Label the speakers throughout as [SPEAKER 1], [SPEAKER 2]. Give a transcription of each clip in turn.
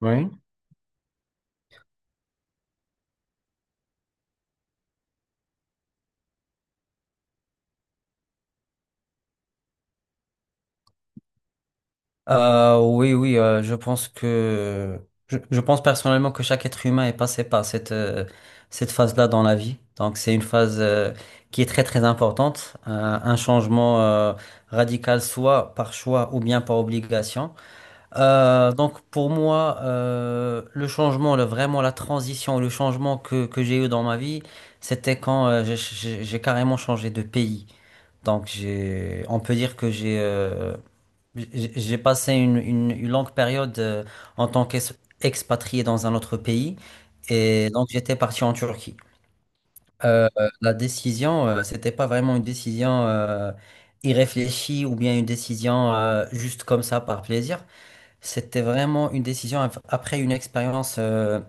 [SPEAKER 1] Oui. Oui, oui, je pense que je pense personnellement que chaque être humain est passé par cette cette phase-là dans la vie. Donc c'est une phase qui est très très importante. Un changement radical soit par choix ou bien par obligation. Donc pour moi, le changement, le, vraiment la transition, le changement que j'ai eu dans ma vie, c'était quand j'ai carrément changé de pays. Donc j'ai, on peut dire que j'ai passé une longue période en tant qu'expatrié dans un autre pays, et donc j'étais parti en Turquie. Euh, la décision, c'était pas vraiment une décision irréfléchie ou bien une décision juste comme ça par plaisir. C'était vraiment une décision après une expérience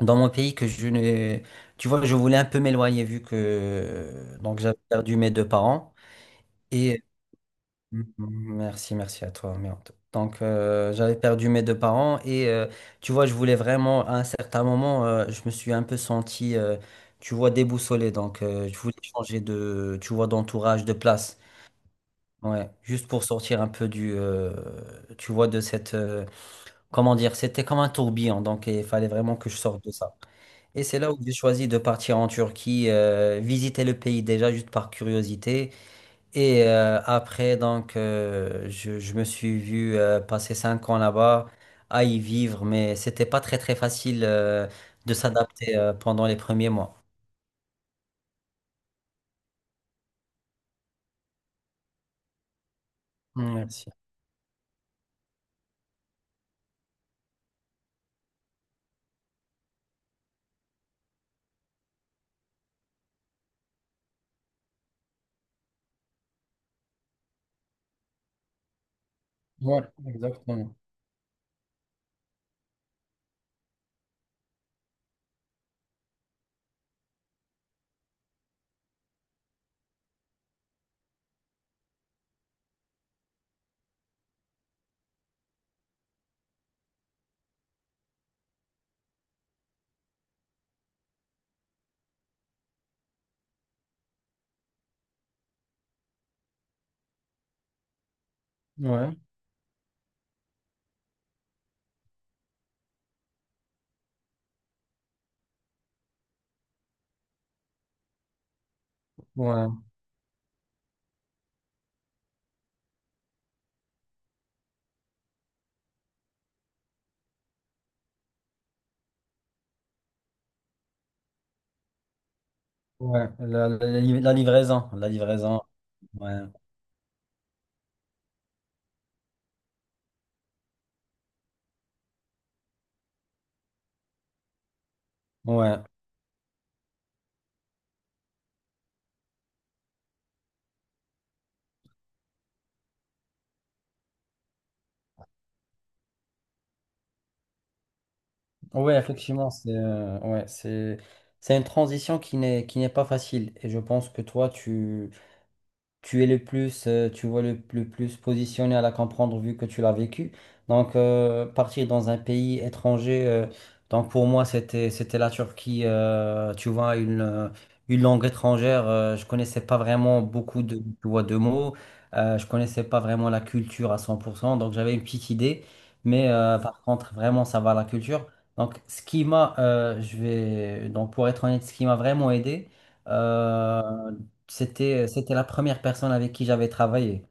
[SPEAKER 1] dans mon pays que je ne. Tu vois, je voulais un peu m'éloigner vu que donc j'avais perdu mes deux parents. et. Mm, Merci, merci à toi. Merde. Donc, j'avais perdu mes deux parents et tu vois, je voulais vraiment, à un certain moment, je me suis un peu senti, tu vois, déboussolé. Donc, je voulais changer de, tu vois, d'entourage, de place. Ouais, juste pour sortir un peu du, tu vois, de cette, comment dire, c'était comme un tourbillon. Donc, il fallait vraiment que je sorte de ça. Et c'est là où j'ai choisi de partir en Turquie, visiter le pays déjà juste par curiosité. Et après, donc, je me suis vu passer 5 ans là-bas, à y vivre, mais c'était pas très très facile de s'adapter pendant les premiers mois. Merci. Ouais, exactement. Ouais, ouais, ouais. La livraison, la livraison. Ouais, ouais, ouais. Effectivement, c'est, ouais, c'est une transition qui n'est pas facile. Et je pense que tu es le plus, tu vois le plus positionné à la comprendre vu que tu l'as vécu. Donc, partir dans un pays étranger, donc pour moi, c'était la Turquie, tu vois, une langue étrangère. Euh, je connaissais pas vraiment beaucoup de, tu vois, de mots. Euh, je connaissais pas vraiment la culture à 100%. Donc, j'avais une petite idée. Mais par contre, vraiment, ça va la culture. Donc, ce qui m'a, donc pour être honnête, ce qui m'a vraiment aidé, euh, c'était, c'était la première personne avec qui j'avais travaillé.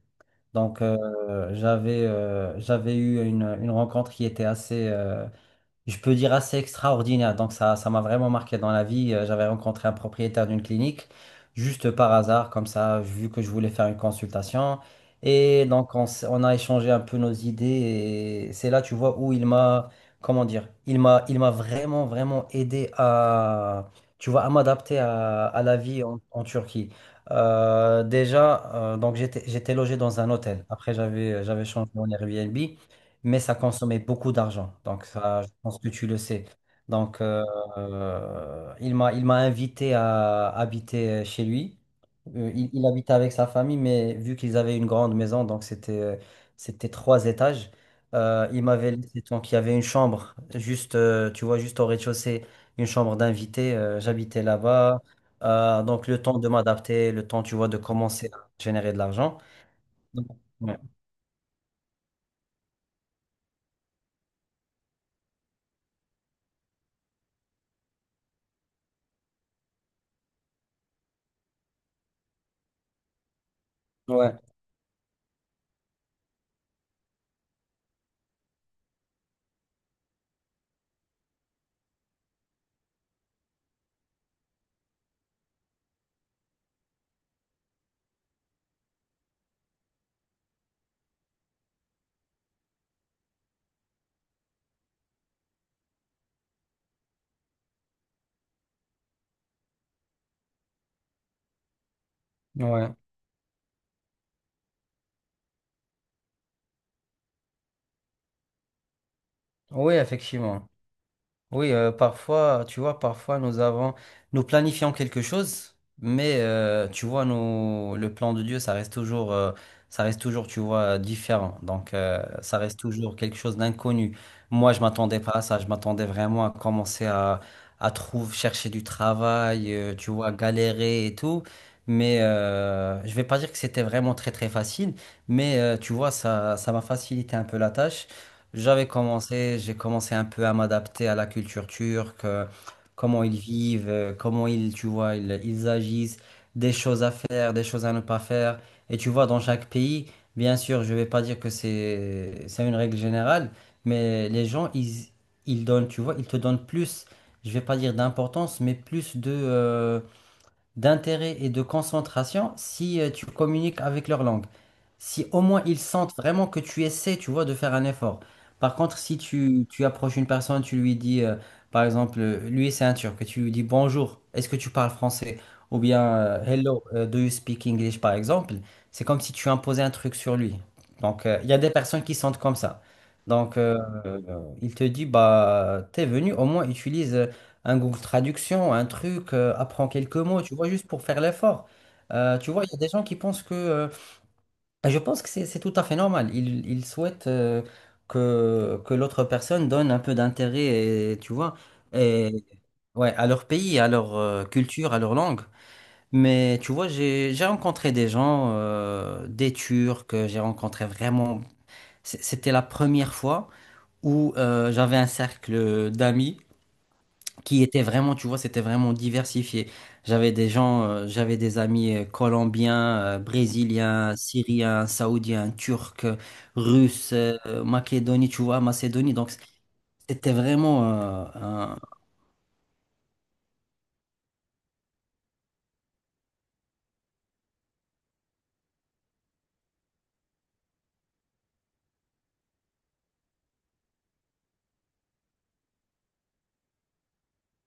[SPEAKER 1] Donc, j'avais eu une rencontre qui était assez, je peux dire assez extraordinaire. Donc ça m'a vraiment marqué dans la vie. J'avais rencontré un propriétaire d'une clinique, juste par hasard, comme ça, vu que je voulais faire une consultation. Et donc on a échangé un peu nos idées. Et c'est là, tu vois, où comment dire, il m'a vraiment, vraiment aidé à, tu vois, à m'adapter à la vie en, en Turquie. Déjà, donc j'étais logé dans un hôtel. Après, j'avais changé en Airbnb, mais ça consommait beaucoup d'argent. Donc ça, je pense que tu le sais. Donc euh, il m'a invité à habiter chez lui. Il habitait avec sa famille, mais vu qu'ils avaient une grande maison, donc c'était c'était trois étages. Euh, il m'avait laissé, donc il y avait une chambre juste tu vois juste au rez-de-chaussée, une chambre d'invité. Euh, j'habitais là-bas. Donc le temps de m'adapter, le temps tu vois de commencer à générer de l'argent. Donc, ouais. Ouais, ouais. Oui, effectivement. Oui, parfois, tu vois, nous planifions quelque chose, mais tu vois, nous, le plan de Dieu, ça reste toujours, tu vois, différent. Donc, ça reste toujours quelque chose d'inconnu. Moi, je m'attendais pas à ça. Je m'attendais vraiment à commencer à trouver, chercher du travail, tu vois, galérer et tout. Mais je vais pas dire que c'était vraiment très très facile, mais tu vois, ça m'a facilité un peu la tâche. J'ai commencé un peu à m'adapter à la culture turque, comment ils vivent, tu vois, ils agissent, des choses à faire, des choses à ne pas faire. Et tu vois, dans chaque pays, bien sûr, je vais pas dire c'est une règle générale, mais ils donnent, tu vois, ils te donnent plus, je vais pas dire d'importance, mais plus de, d'intérêt et de concentration si tu communiques avec leur langue. Si au moins ils sentent vraiment que tu essaies, tu vois, de faire un effort. Par contre, si tu, tu approches une personne, tu lui dis, par exemple, lui c'est un Turc, et tu lui dis bonjour, est-ce que tu parles français? Ou bien hello, do you speak English, par exemple, c'est comme si tu imposais un truc sur lui. Donc, il y a des personnes qui sentent comme ça. Donc, euh, euh, il te dit, bah, t'es venu, au moins utilise. Un Google Traduction, un truc, apprends quelques mots, tu vois, juste pour faire l'effort. Tu vois, il y a des gens qui pensent que… et je pense que c'est tout à fait normal. Ils souhaitent que l'autre personne donne un peu d'intérêt, et, tu vois, et, ouais, à leur pays, à leur culture, à leur langue. Mais tu vois, j'ai rencontré des gens, des Turcs, que j'ai rencontré vraiment… c'était la première fois où j'avais un cercle d'amis qui étaient vraiment, tu vois, c'était vraiment diversifié. J'avais des gens, j'avais des amis colombiens, brésiliens, syriens, saoudiens, turcs, russes, Macédonie, tu vois, Macédonie. Donc, c'était vraiment,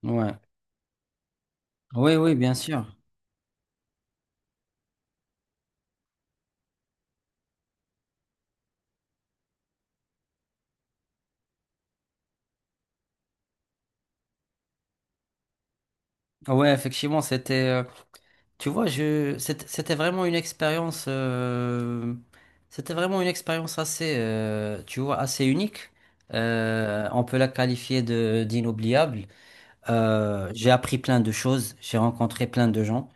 [SPEAKER 1] ouais. Oui, oui, bien sûr. Ouais, effectivement, c'était, tu vois, c'était c'était vraiment une expérience, c'était vraiment une expérience assez, tu vois, assez unique. On peut la qualifier de d'inoubliable. J'ai appris plein de choses, j'ai rencontré plein de gens.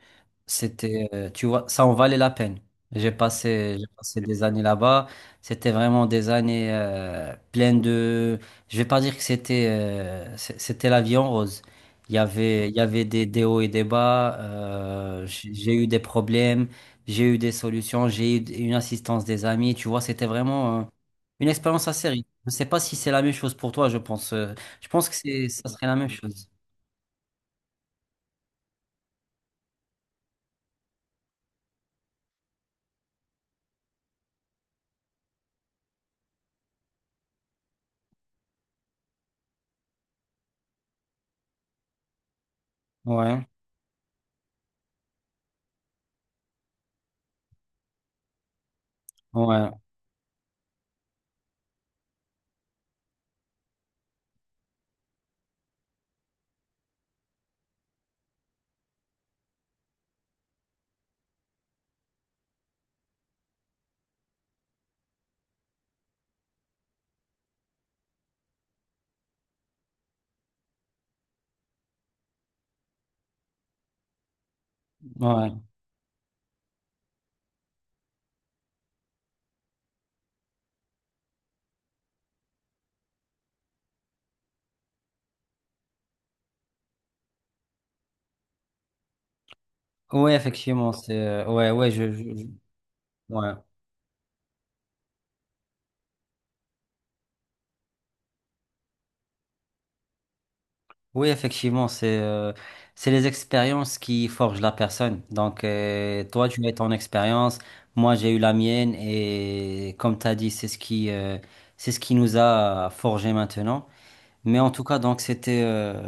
[SPEAKER 1] C'était, tu vois, ça en valait la peine. J'ai passé des années là-bas. C'était vraiment des années pleines de. Je vais pas dire que c'était, c'était la vie en rose. Il y avait des hauts et des bas. J'ai eu des problèmes, j'ai eu des solutions, j'ai eu une assistance des amis. Tu vois, c'était vraiment une expérience assez riche. Je sais pas si c'est la même chose pour toi. Je pense que ça serait la même chose. Ouais, ouais, ouais. Oui, effectivement, c'est ouais, ouais, je- ouais. Oui, effectivement, c'est les expériences qui forgent la personne. Donc toi tu as ton expérience, moi j'ai eu la mienne et comme tu as dit, c'est ce qui nous a forgé maintenant. Mais en tout cas, donc c'était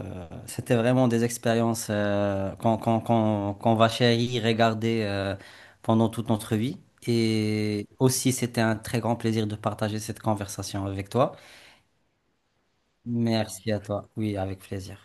[SPEAKER 1] c'était vraiment des expériences qu'on va chérir, regarder pendant toute notre vie. Et aussi, c'était un très grand plaisir de partager cette conversation avec toi. Merci à toi. Oui, avec plaisir.